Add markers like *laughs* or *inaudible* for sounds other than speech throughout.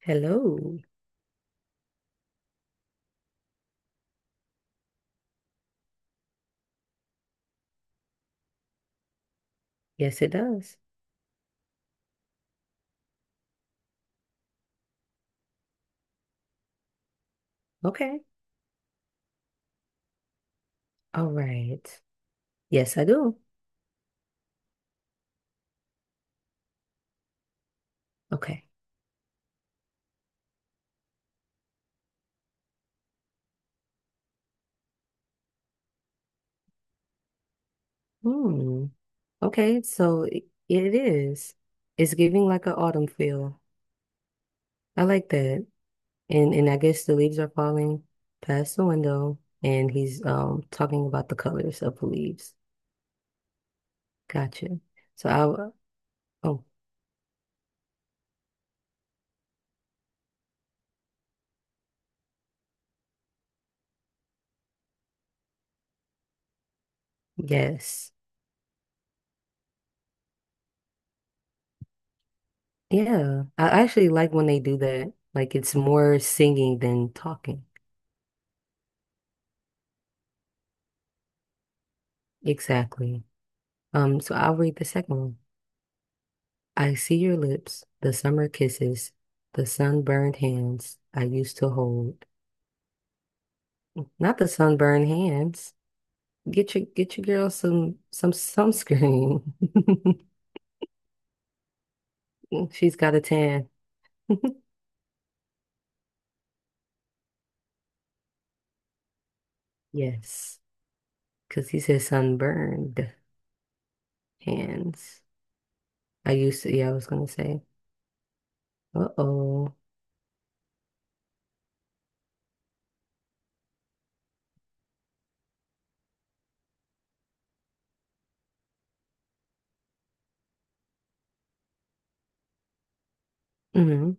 Hello. Yes, it does. Okay. All right. Yes, I do. Okay. Hmm. Okay. So it is. It's giving like an autumn feel. I like that. And I guess the leaves are falling past the window, and he's talking about the colors of the leaves. Gotcha. So I. Oh yes. Yeah, I actually like when they do that. Like it's more singing than talking. Exactly. So I'll read the second one. I see your lips, the summer kisses, the sunburned hands I used to hold. Not the sunburned hands. Get your girl some sunscreen. *laughs* She's got a tan. *laughs* Yes, because he said sunburned hands. I used to, yeah, I was gonna say, uh-oh. Hmm.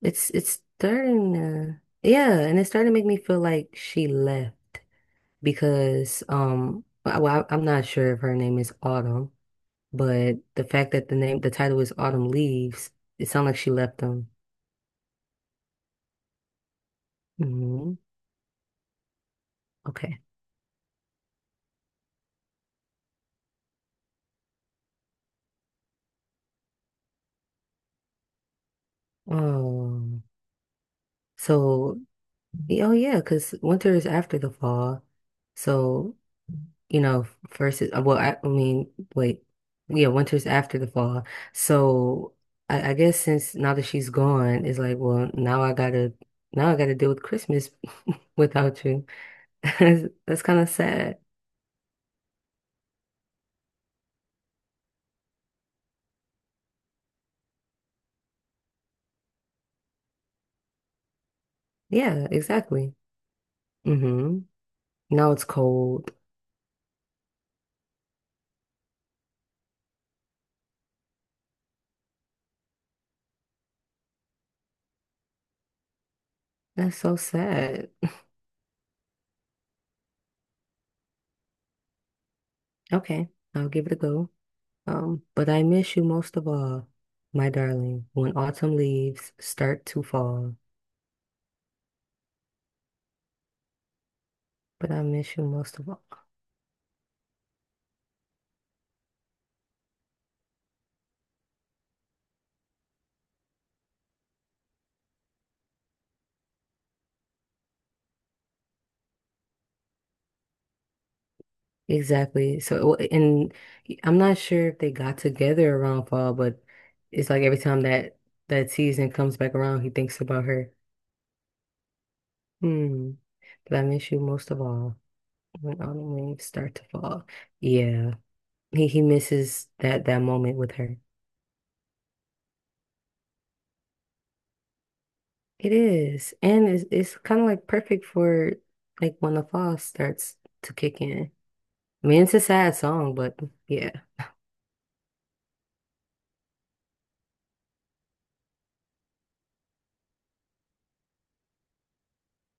It's starting to, yeah, and it's starting to make me feel like she left because well, I'm not sure if her name is Autumn. But the fact that the name, the title is Autumn Leaves, it sounds like she left them. Hmm. Okay. Oh, so, oh yeah, because winter is after the fall. So, you know, first is, well, I mean, wait, yeah, winter's after the fall. So I guess since now that she's gone, it's like, well, now I gotta deal with Christmas *laughs* without you. *laughs* That's kind of sad. Yeah, exactly. Hmm. Now it's cold. That's so sad. Okay, I'll give it a go. But I miss you most of all, my darling, when autumn leaves start to fall. But I miss you most of all. Exactly. So, it wa- and I'm not sure if they got together around fall, but it's like every time that that season comes back around, he thinks about her. Hmm. But I miss you most of all when autumn leaves start to fall. Yeah, he misses that moment with her. It is. And it's kind of like perfect for like when the fall starts to kick in. I mean, it's a sad song, but yeah.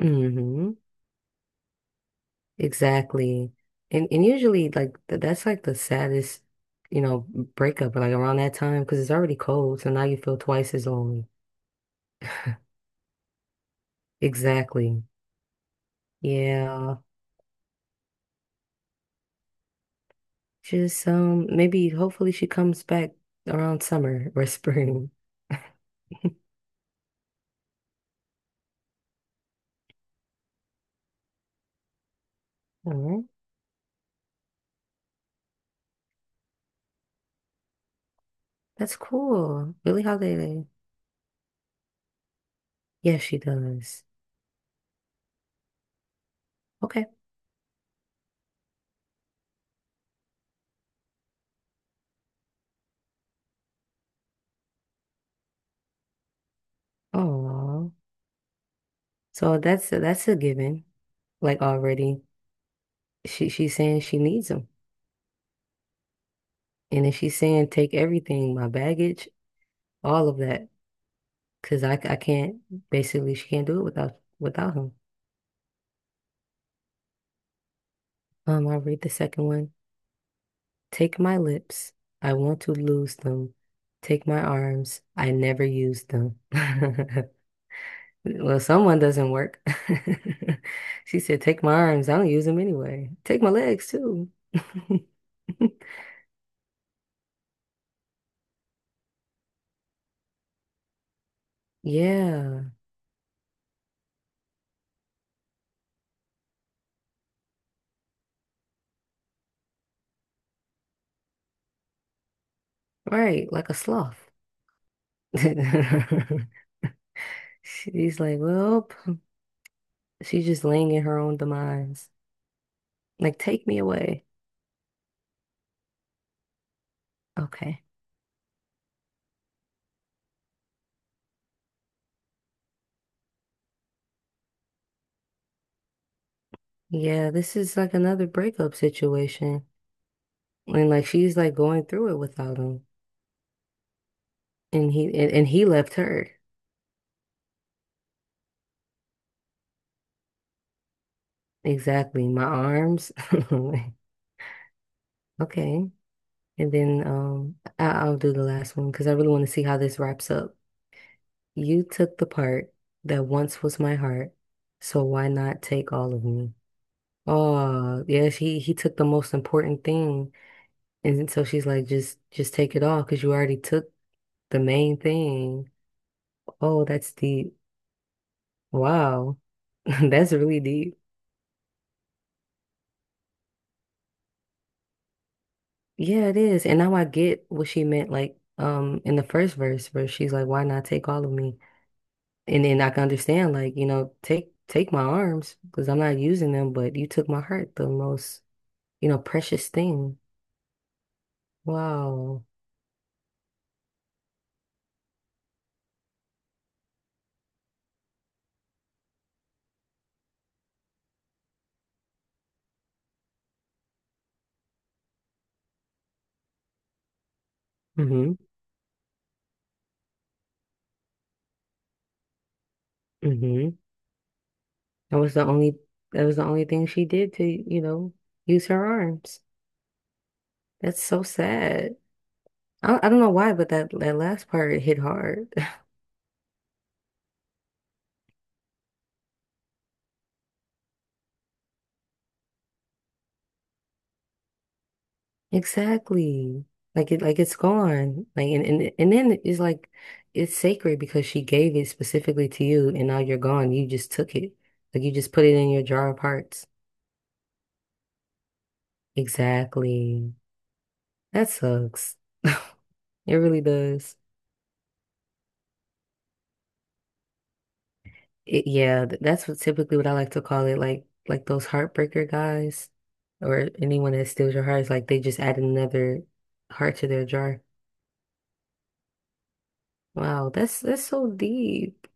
Hmm. Exactly. And usually like th that's like the saddest, you know, breakup like around that time because it's already cold, so now you feel twice as lonely. Exactly. Yeah. Just maybe hopefully she comes back around summer or spring. *laughs* All right. That's cool. Billie Holiday. Yes, she does. Okay. Oh, so that's a given. Like already, she's saying she needs him, and then she's saying take everything, my baggage, all of that, because I can't basically she can't do it without him. I'll read the second one. Take my lips, I want to lose them. Take my arms, I never use them. *laughs* Well, someone doesn't work. *laughs* She said, take my arms, I don't use them anyway. Take my legs too. *laughs* Yeah, right, like a sloth. *laughs* She's like, well, she's just laying in her own demise. Like, take me away. Okay. Yeah, this is like another breakup situation. And like she's like going through it without him. And he left her. Exactly. My arms. *laughs* Okay. And then I'll do the last one because I really want to see how this wraps up. You took the part that once was my heart, so why not take all of me? Oh, yeah, he took the most important thing. And then so she's like, just take it all because you already took the main thing. Oh, that's deep. Wow. *laughs* That's really deep. Yeah, it is. And now I get what she meant, like, in the first verse where she's like, why not take all of me? And then I can understand, like, you know, take my arms because I'm not using them, but you took my heart, the most, you know, precious thing. Wow. Mm-hmm. That was the only that was the only thing she did to, you know, use her arms. That's so sad. I don't know why, but that last part hit hard. *laughs* Exactly. Like it's gone. And then it's like it's sacred because she gave it specifically to you and now you're gone. You just took it. Like you just put it in your jar of hearts. Exactly. That sucks. *laughs* It really does. It, yeah, that's what typically what I like to call it, like those heartbreaker guys or anyone that steals your heart is like they just add another heart to their jar. Wow, that's so deep.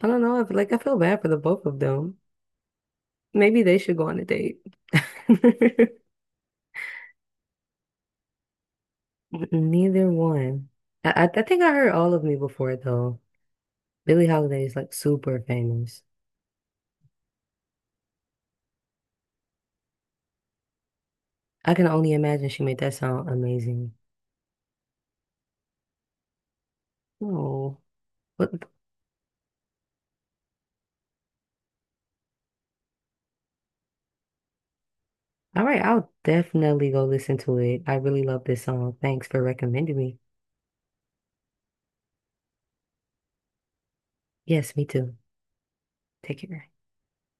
I don't know, I feel like I feel bad for the both of them. Maybe they should go on a date. *laughs* Neither one. I think I heard all of me before though. Billie Holiday is like super famous. I can only imagine she made that sound amazing. Oh. What. All right, I'll definitely go listen to it. I really love this song. Thanks for recommending me. Yes, me too. Take care.